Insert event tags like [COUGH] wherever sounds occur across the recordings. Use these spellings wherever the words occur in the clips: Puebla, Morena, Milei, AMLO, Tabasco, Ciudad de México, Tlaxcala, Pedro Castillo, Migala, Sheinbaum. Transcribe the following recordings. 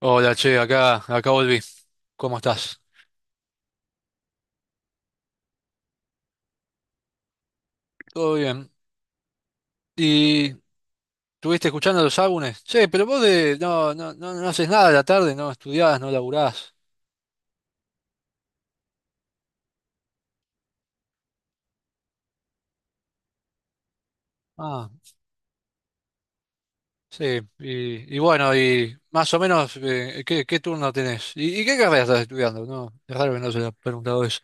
Hola, che, acá volví. ¿Cómo estás? Todo bien. ¿Y estuviste escuchando los álbumes? Che, pero vos de, no haces nada a la tarde, no estudiás, no laburás. Ah, sí. Y bueno, y más o menos, ¿qué turno tenés? ¿Y qué carrera estás estudiando? No, es raro que no se lo he preguntado eso.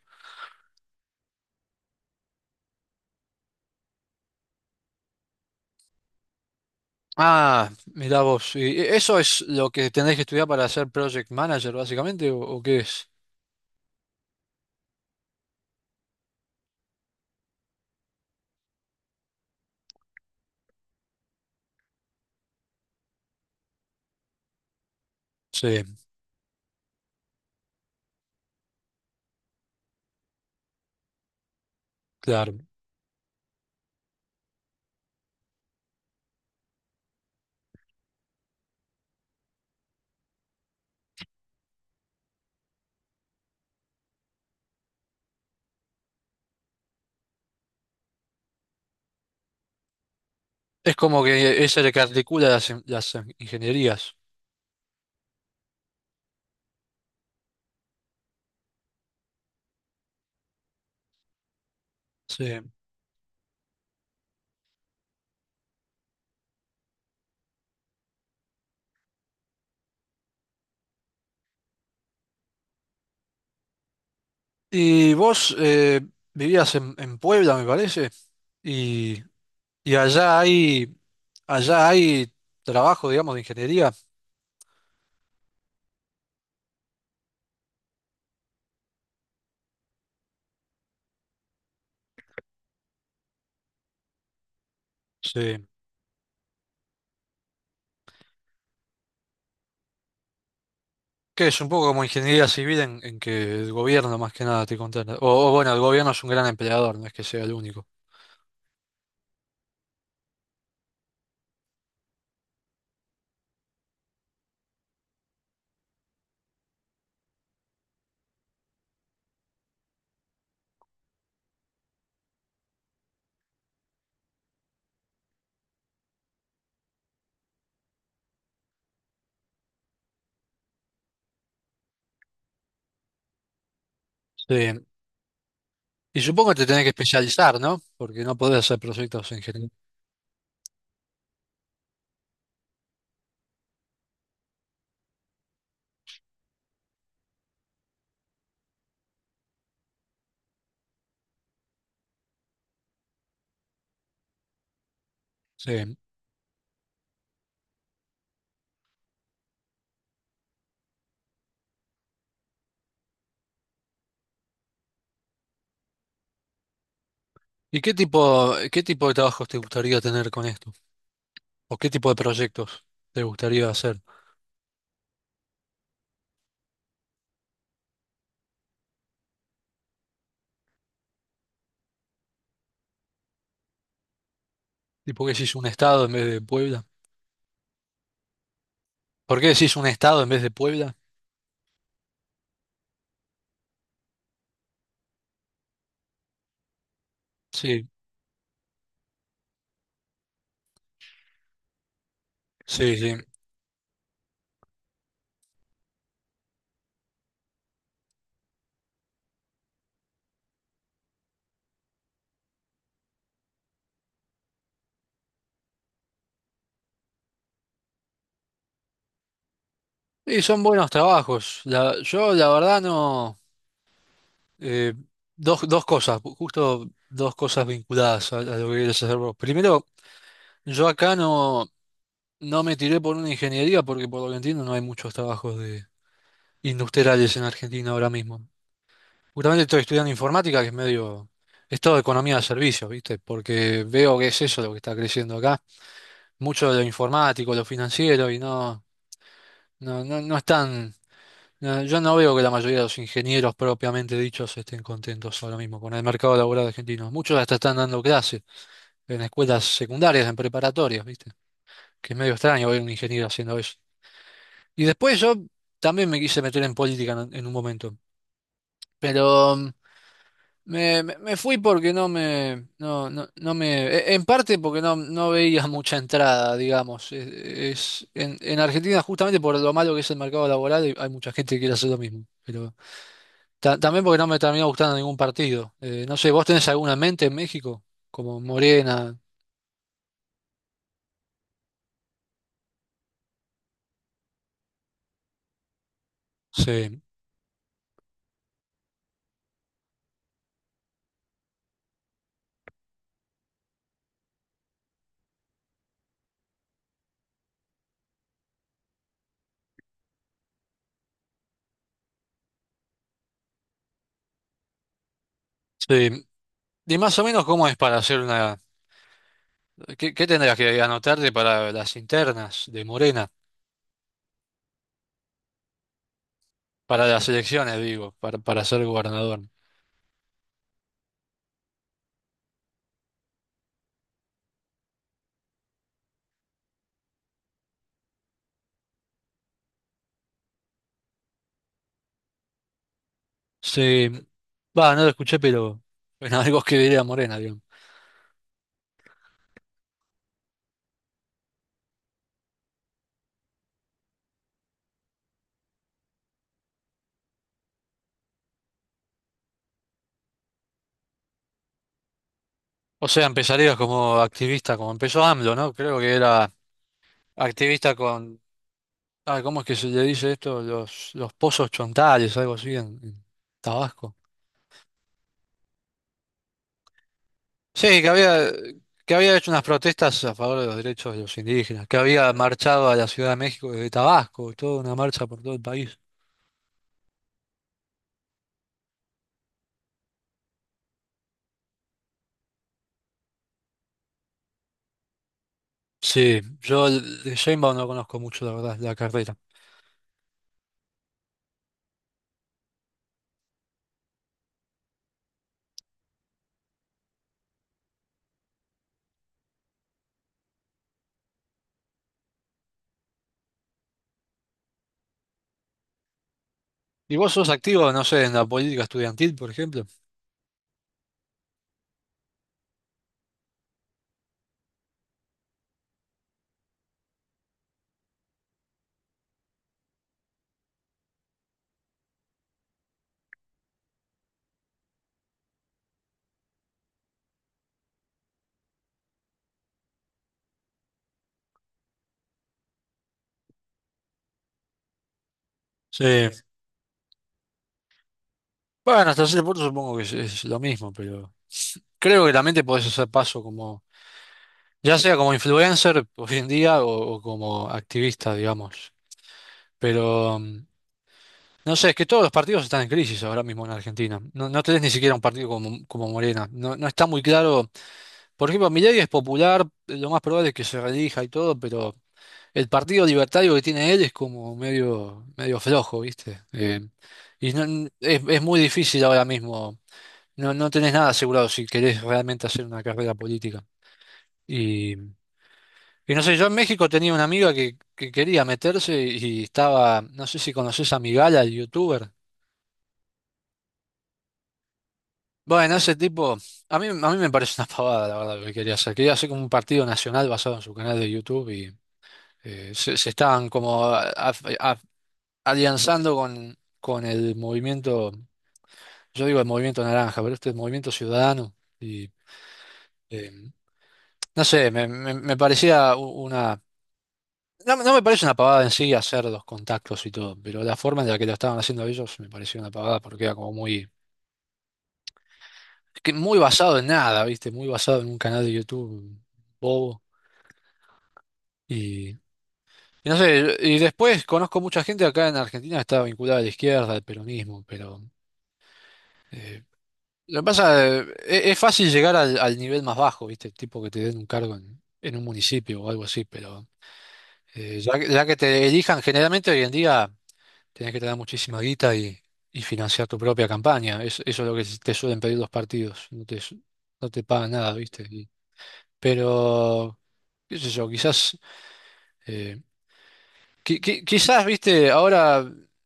Ah, mirá vos. ¿Y eso es lo que tenés que estudiar para ser project manager, básicamente, o qué es? Sí, claro. Es como que es el que articula las ingenierías. Sí. Y vos vivías en Puebla, me parece, y, y allá hay trabajo, digamos, de ingeniería. Sí. Que es un poco como ingeniería civil en que el gobierno más que nada te contrata. O bueno, el gobierno es un gran empleador, no es que sea el único. Sí. Y supongo que te tenés que especializar, ¿no? Porque no podés hacer proyectos en general. Sí. ¿Y qué tipo de trabajos te gustaría tener con esto? ¿O qué tipo de proyectos te gustaría hacer? ¿Tipo que si es un estado en vez de Puebla? ¿Por qué decís un estado en vez de Puebla? Sí, sí, sí. Y son buenos trabajos. Yo, la verdad, no. eh, Dos, dos cosas, justo dos cosas vinculadas a lo que querés hacer vos. Primero, yo acá no, no me tiré por una ingeniería porque, por lo que entiendo, no hay muchos trabajos de industriales en Argentina ahora mismo. Justamente estoy estudiando informática, que es medio. Es todo economía de servicios, ¿viste? Porque veo que es eso lo que está creciendo acá. Mucho de lo informático, lo financiero, y no están. Yo no veo que la mayoría de los ingenieros propiamente dichos estén contentos ahora mismo con el mercado laboral argentino. Muchos hasta están dando clases en escuelas secundarias, en preparatorias, ¿viste? Que es medio extraño ver un ingeniero haciendo eso. Y después yo también me quise meter en política en un momento, pero me fui porque no me, no me, en parte porque no, no veía [LAUGHS] mucha entrada, digamos. Es, en Argentina justamente por lo malo que es el mercado laboral hay mucha gente que quiere hacer lo mismo. También porque no me terminó gustando ningún partido. No sé, ¿vos tenés alguna en mente en México? Como Morena. Sí, sí. Y más o menos cómo es para hacer una... ¿Qué tendrás que anotarte para las internas de Morena? Para las elecciones, digo, para ser gobernador. Sí. Va, no lo escuché, pero... Bueno, [LAUGHS] algo que diría Morena, digamos. O sea, empezarías como activista, como empezó AMLO, ¿no? Creo que era activista con... Ah, ¿cómo es que se le dice esto? Los pozos chontales, algo así en Tabasco. Sí, que había hecho unas protestas a favor de los derechos de los indígenas, que había marchado a la Ciudad de México desde Tabasco, toda una marcha por todo el país. Sí, yo de Sheinbaum no conozco mucho, la verdad, la carrera. ¿Y vos sos activo, no sé, en la política estudiantil, por ejemplo? Sí. Bueno, hasta cierto punto supongo que es lo mismo, pero creo que también te podés hacer paso como, ya sea como influencer hoy en día o como activista, digamos. Pero no sé, es que todos los partidos están en crisis ahora mismo en Argentina. No, no tenés ni siquiera un partido como, como Morena. No, no está muy claro. Por ejemplo, Milei es popular, lo más probable es que se reelija y todo, pero el partido libertario que tiene él es como medio, medio flojo, ¿viste? Y es muy difícil ahora mismo. No, no tenés nada asegurado si querés realmente hacer una carrera política. Y no sé, yo en México tenía una amiga que quería meterse y estaba, no sé si conoces a Migala, el youtuber. Bueno, ese tipo, a mí me parece una pavada, la verdad, lo que quería hacer. Quería hacer como un partido nacional basado en su canal de YouTube y se, se estaban como a- alianzando con el movimiento, yo digo el movimiento naranja, pero este es el movimiento ciudadano. Y eh, no sé, me parecía una. No, no me parece una pavada en sí hacer los contactos y todo, pero la forma en la que lo estaban haciendo ellos me parecía una pavada porque era como muy, que muy basado en nada, ¿viste? Muy basado en un canal de YouTube bobo. Y no sé, y después conozco mucha gente acá en Argentina que está vinculada a la izquierda, al peronismo, pero eh, lo que pasa es fácil llegar al, al nivel más bajo, ¿viste? Tipo que te den un cargo en un municipio o algo así, pero ya que te elijan, generalmente hoy en día tenés que tener muchísima guita y financiar tu propia campaña. Eso es lo que te suelen pedir los partidos, no te, no te pagan nada, ¿viste? Y pero, qué sé yo, quizás. eh, Quizás, viste, ahora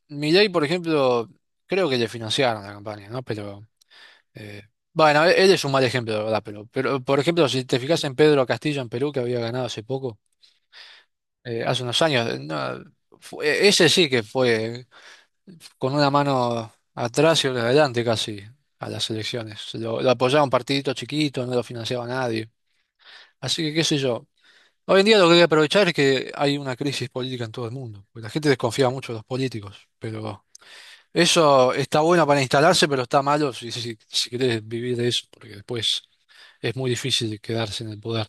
Milei, por ejemplo, creo que le financiaron la campaña, ¿no? Pero, eh, bueno, él es un mal ejemplo, de verdad, pero, por ejemplo, si te fijas en Pedro Castillo en Perú, que había ganado hace poco, hace unos años, no, ese sí que fue con una mano atrás y otra adelante casi a las elecciones. Lo apoyaba un partidito chiquito, no lo financiaba nadie. Así que, qué sé yo. Hoy en día lo que hay que aprovechar es que hay una crisis política en todo el mundo, porque la gente desconfía mucho de los políticos, pero... Eso está bueno para instalarse, pero está malo si, si, si querés vivir de eso, porque después es muy difícil quedarse en el poder.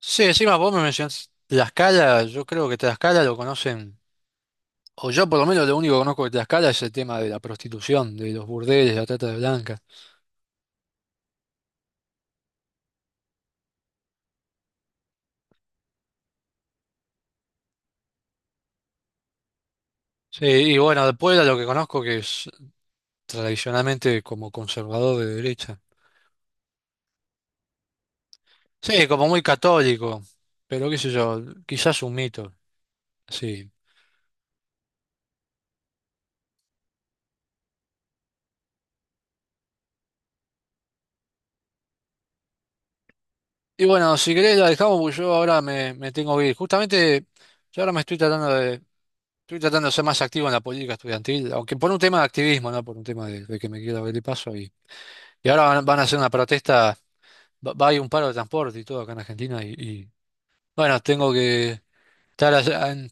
Sí, encima vos me mencionás Tlaxcala, yo creo que Tlaxcala lo conocen, o yo por lo menos lo único que conozco de Tlaxcala es el tema de la prostitución, de los burdeles, la trata de blancas. Sí, y bueno, de Puebla lo que conozco que es tradicionalmente como conservador de derecha. Sí, como muy católico, pero qué sé yo, quizás un mito, sí. Y bueno, si querés la dejamos porque yo ahora me tengo que ir. Justamente yo ahora me estoy tratando de ser más activo en la política estudiantil, aunque por un tema de activismo, no por un tema de que me quiera ver de paso. Y ahora van, van a hacer una protesta, va, va a haber un paro de transporte y todo acá en Argentina. Bueno, tengo que estar allá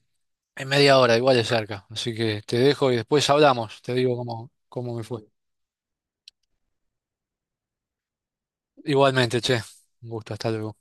en media hora, igual de cerca. Así que te dejo y después hablamos, te digo cómo, cómo me fue. Igualmente, che, un gusto, hasta luego.